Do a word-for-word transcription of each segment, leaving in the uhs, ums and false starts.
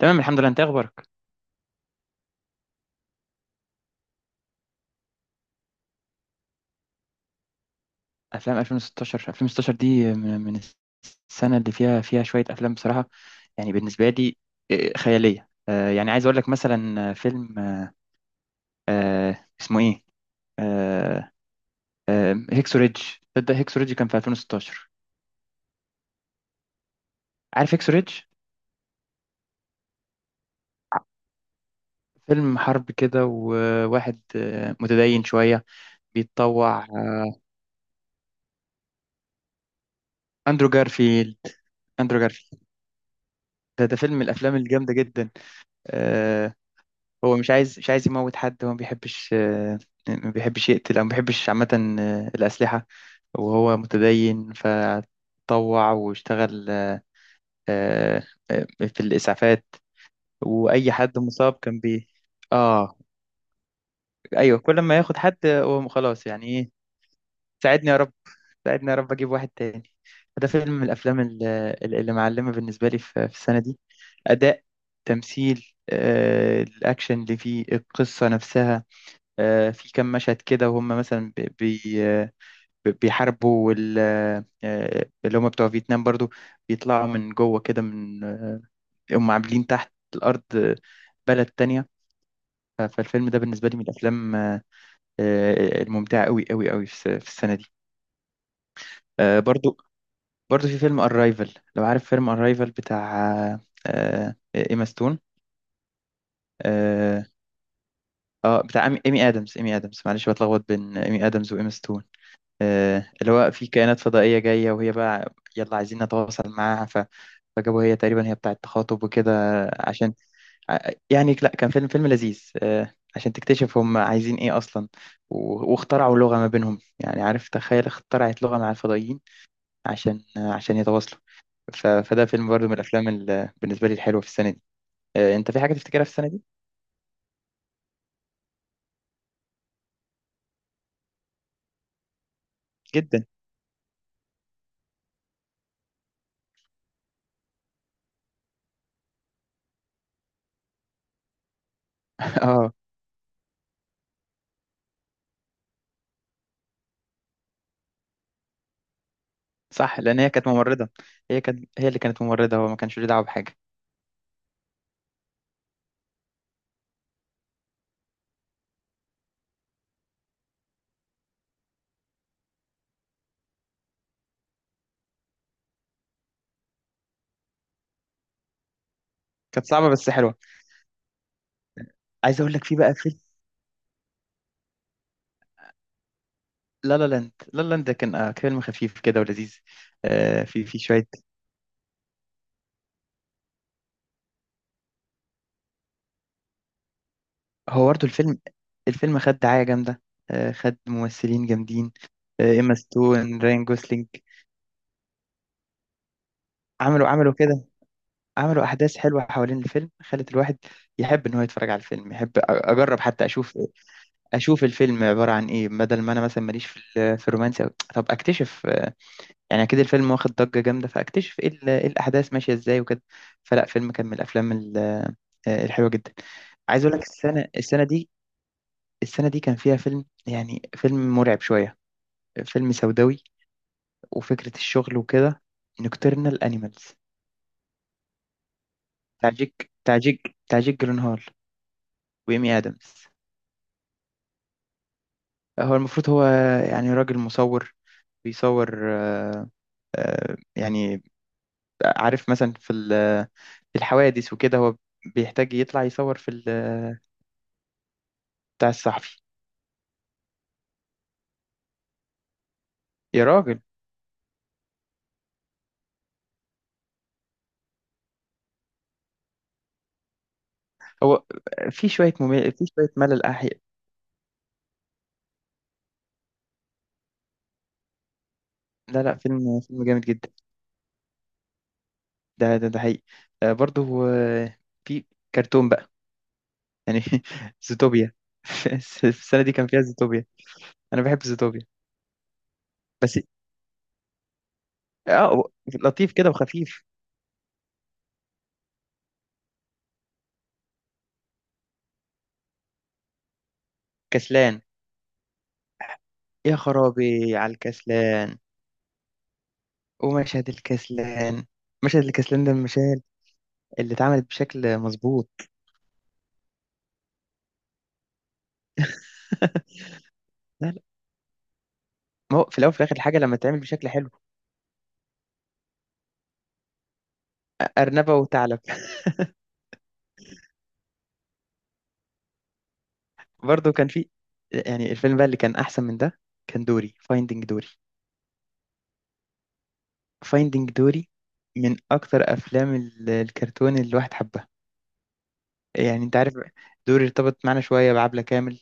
تمام، الحمد لله. انت إيه اخبارك؟ افلام 2016 2016 دي من من السنه اللي فيها فيها شويه افلام بصراحه. يعني بالنسبه لي، آه، خياليه. آه، يعني عايز اقول لك مثلا آه، فيلم آه، آه، اسمه ايه آه، آه، هيكسو ريدج. تصدق هيكسو ريدج كان في ألفين وستاشر؟ عارف هيكسو ريدج؟ فيلم حرب كده، وواحد آه، متدين شويه، بيتطوع. آه، اندرو جارفيلد. اندرو جارفيلد ده ده فيلم من الافلام الجامده جدا. آه، هو مش عايز، مش عايز يموت حد. هو ما بيحبش، آه، ما بيحبش يقتل، او ما بيحبش عامة آه، الأسلحة، وهو متدين فطوع واشتغل آه، آه، في الإسعافات، وأي حد مصاب كان بي آه أيوه، كل ما ياخد حد هو خلاص يعني إيه. ساعدني يا رب، ساعدني يا رب أجيب واحد تاني. فده فيلم من الأفلام ال- ال- اللي معلمة بالنسبة لي في في السنة دي. أداء، تمثيل، آه، الأكشن اللي فيه، القصة نفسها. آه، في كام مشهد كده وهم مثلا بي بي- آه، بيحاربوا ال- آه، آه، اللي هم بتوع فيتنام برضو، بيطلعوا من جوه كده، من آه، هم عاملين تحت الأرض آه، بلد تانية. ف- فالفيلم ده بالنسبة لي من الأفلام آه، آه، الممتعة قوي قوي قوي في الس- في السنة دي. آه، برضو برضو في فيلم أرايفل. لو عارف فيلم أرايفل بتاع آه، آه، إيما ستون. اه. آه، بتاع إيمي إيمي آدمز. إيمي آدمز، معلش بتلخبط بين إيمي آدمز وإيما ستون. آه، اللي هو، في كائنات فضائية جاية وهي بقى يلا عايزين نتواصل معاها. ف... فجابوا هي تقريبا هي بتاعة تخاطب وكده، عشان ع- يعني، لا، كان فيلم فيلم لذيذ آه، عشان تكتشف هم عايزين ايه اصلا. و... واخترعوا لغة ما بينهم. يعني، عارف، تخيل اخترعت لغة مع الفضائيين عشان آه، عشان يتواصلوا. ف... فده فيلم برضو من الافلام ال... بالنسبة لي الحلوة في السنة دي. آه، انت في حاجة تفتكرها في السنة دي؟ جدا. اه. صح، لان هي كانت ممرضة. هي كانت هي اللي كانت ممرضة، هو ما كانش له دعوة بحاجة. كانت صعبة بس حلوة. عايز اقول لك، في بقى فيلم لا لا لاند. لا لا لاند ده كان آه، فيلم خفيف كده ولذيذ. آه، في في شويه. هو برضه الفيلم الفيلم خد دعايه جامده، آه، خد ممثلين جامدين آه، ايما ستون، راين جوسلينج. عملوا عملوا كده، عملوا احداث حلوه حوالين الفيلم، خلت الواحد يحب ان هو يتفرج على الفيلم. يحب أ- اجرب حتى اشوف، اشوف الفيلم عباره عن ايه، بدل ما انا مثلا ماليش في ال- في الرومانسي أوي. طب اكتشف، يعني اكيد الفيلم واخد ضجة جامدة، فاكتشف ايه ال- إيه الاحداث ماشية ازاي وكده. فلا، فيلم كان من الافلام ال- آه، الحلوة جدا. عايز اقول لك السنة، السنة دي السنة دي كان فيها فيلم، يعني فيلم مرعب شوية، فيلم سوداوي، وفكرة الشغل وكده، نوكترنال انيمالز، بتاع جيك بتاع جيك بتاع جيك جيلنهال وإيمي آدمز. هو المفروض هو، يعني، راجل مصور بيصور آه، يعني عارف مثلا في ال- في الحوادث وكده هو بيحتاج يطلع يصور في ال- بتاع الصحفي. يا راجل، هو في شوية ممل في شوية ملل أحياء. لا، لا، فيلم فيلم جامد جدا. ده ده ده حقيقي. آه برضه آه، في كرتون بقى، يعني، زوتوبيا. في السنة دي كان فيها زوتوبيا. أنا بحب زوتوبيا، بس. اه، لطيف كده وخفيف. كسلان. يا خرابي على الكسلان. ومشهد الكسلان مشهد الكسلان ده من المشاهد اللي اتعملت بشكل مظبوط. لا، لا. ما هو في الأول وفي الآخر الحاجة لما تتعمل بشكل حلو. أرنبة وثعلب. برضه كان في، يعني، الفيلم بقى اللي كان احسن من ده كان دوري، فايندينج دوري. فايندينج دوري من اكتر افلام ال- الكرتون اللي الواحد حبها. يعني انت عارف، دوري ارتبط معانا شويه بعبلة كامل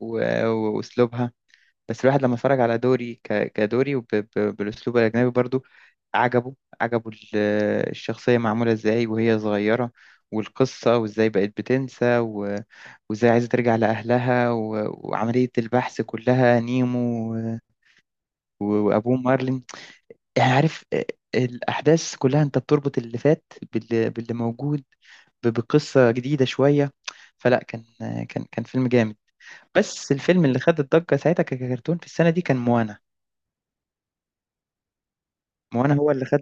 و- و- واسلوبها، بس الواحد لما اتفرج على دوري ك- كدوري وب- ب- بالاسلوب الاجنبي برضو، عجبه، عجبه ال- الشخصيه معموله ازاي وهي صغيره، والقصه، وازاي بقت بتنسى، و- وازاي عايزه ترجع لاهلها، و- وعمليه البحث كلها، نيمو وابوه مارلين. يعني، عارف، آه، الاحداث كلها انت بتربط اللي فات باللي, باللي موجود ب- بقصه جديده شويه. فلا، كان آه، كان كان فيلم جامد، بس الفيلم اللي خد الضجه ساعتها ككرتون في السنه دي كان موانا. موانا هو اللي خد،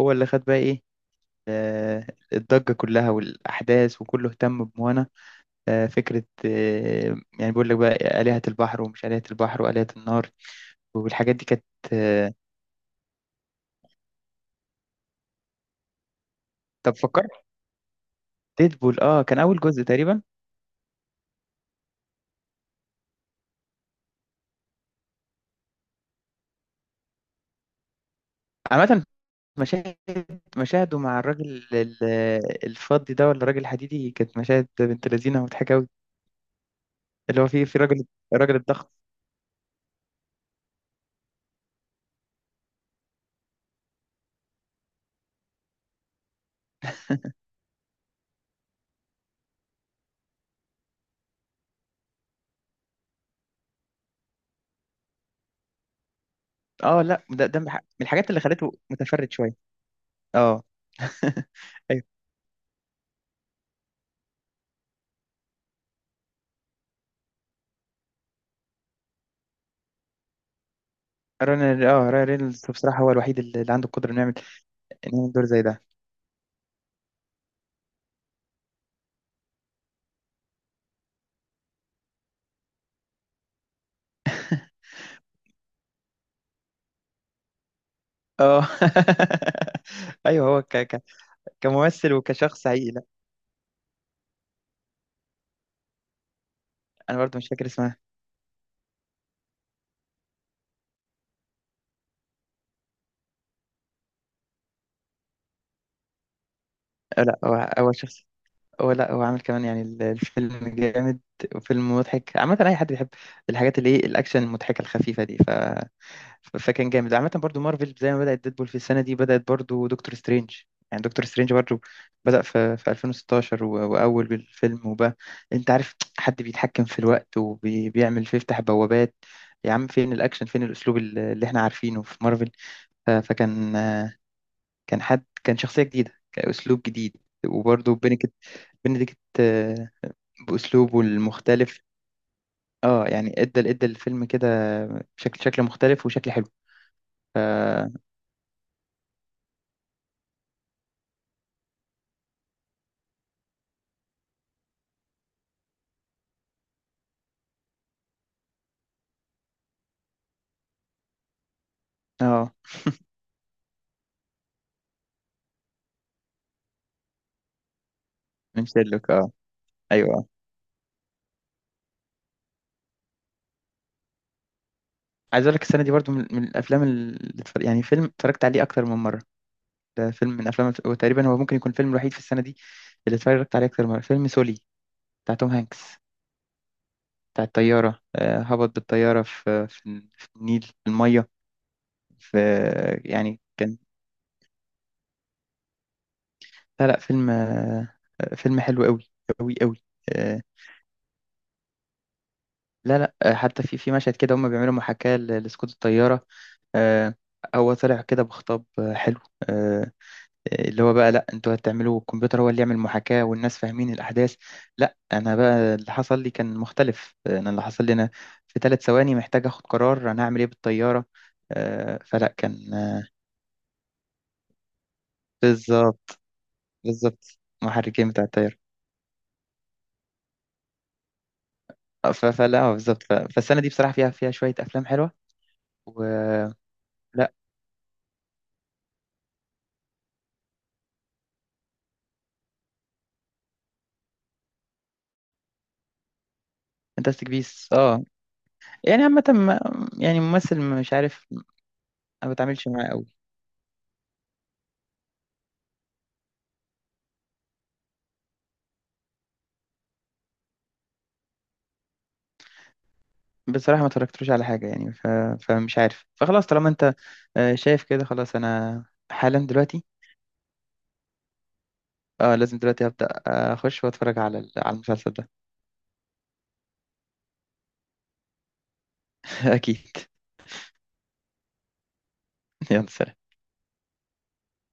هو اللي خد بقى ايه آه، الضجه كلها، والاحداث، وكله اهتم بموانا. آه، فكره، آه، يعني بيقول لك بقى آلهة البحر، ومش آلهة البحر، وآلهة النار. والحاجات دي كانت آه، طب فكرت. ديدبول، اه كان اول جزء تقريبا. عامه، مشاهد مشاهده مع الراجل ال- الفضي ده، ولا الراجل الحديدي، كانت مشاهد بنت لذينه ومضحكه قوي. اللي هو في في راجل، الراجل الضخم. اه، لا، ده ده من الح- من الحاجات اللي خلته متفرد شويه. اه. ايوه. ران اه راين رينولدز بصراحه هو الوحيد اللي اللي عنده القدره انه يعمل، انه يعمل دور زي ده. اه. ايوه، هو ك... ك... كممثل وكشخص حقيقي. لا. انا برضو مش فاكر اسمها. آه، لا، هو، هو شخص، هو لا هو عامل كمان، يعني ال- الفيلم جامد، وفيلم مضحك عامة، أي حد بيحب الحاجات اللي، ايه، الأكشن المضحكة الخفيفة دي. ف... ف- فكان جامد عامة. برضو مارفل زي ما بدأت ديدبول في السنة دي، بدأت برضو دكتور سترينج. يعني دكتور سترينج برضو بدأ في, في ألفين وستاشر، و... وأول الفيلم، وبقى أنت عارف، حد بيتحكم في الوقت، وبيعمل، بيفتح بوابات، يا عم فين الأكشن، فين الأسلوب ال- اللي احنا عارفينه في مارفل. ف... فكان، كان حد، كان شخصية جديدة، كأسلوب جديد. وبرضو بينكت، بنديكت، بأسلوبه المختلف. اه، يعني ادى ادى الفيلم كده شكل شكل مختلف وشكل حلو. ف اه من شيرلوك، اه. ايوه. عايز اقول لك السنه دي برضو من, من الافلام اللي اتفرج... يعني فيلم اتفرجت عليه اكتر من مره. ده فيلم من افلام، وتقريبا هو ممكن يكون الفيلم الوحيد في السنه دي اللي اتفرجت عليه اكتر من مره، فيلم سولي بتاع توم هانكس، بتاع الطياره. آه هبط بالطياره في في, في النيل، في الميه. في، يعني، كان، لا، لا، فيلم، آه فيلم حلو قوي، قوي قوي. لا، لا، آه، حتى في في مشهد كده هم بيعملوا محاكاة ل- لسقوط الطيارة. آه، هو طلع كده بخطاب آه، حلو. آه، آه، اللي هو بقى، لا، انتوا هتعملوا الكمبيوتر هو اللي يعمل محاكاة، والناس فاهمين الأحداث. لا، أنا بقى اللي حصل لي كان مختلف. آه، أنا، اللي حصل لي أنا، في ثلاث ثواني محتاج أخد قرار أنا هعمل إيه بالطيارة. آه، فلا كان آه، بالظبط، بالظبط محركين بتاع الطيارة. آه، ف- فلا آه، بالظبط. ف- فالسنة دي بصراحة فيها فيها شوية أفلام حلوة، ولا فانتاستيك بيس، اه. يعني عامة، ما- يعني ممثل، مش عارف، ما بتعاملش معاه قوي. بصراحة ما اتفرجتلوش على حاجة. يعني ف... فمش عارف، فخلاص طالما انت آه، شايف كده. خلاص، انا حالا دلوقتي، اه، لازم دلوقتي هبدأ آه، اخش واتفرج على ال- على المسلسل ده. اكيد. يلا سلام.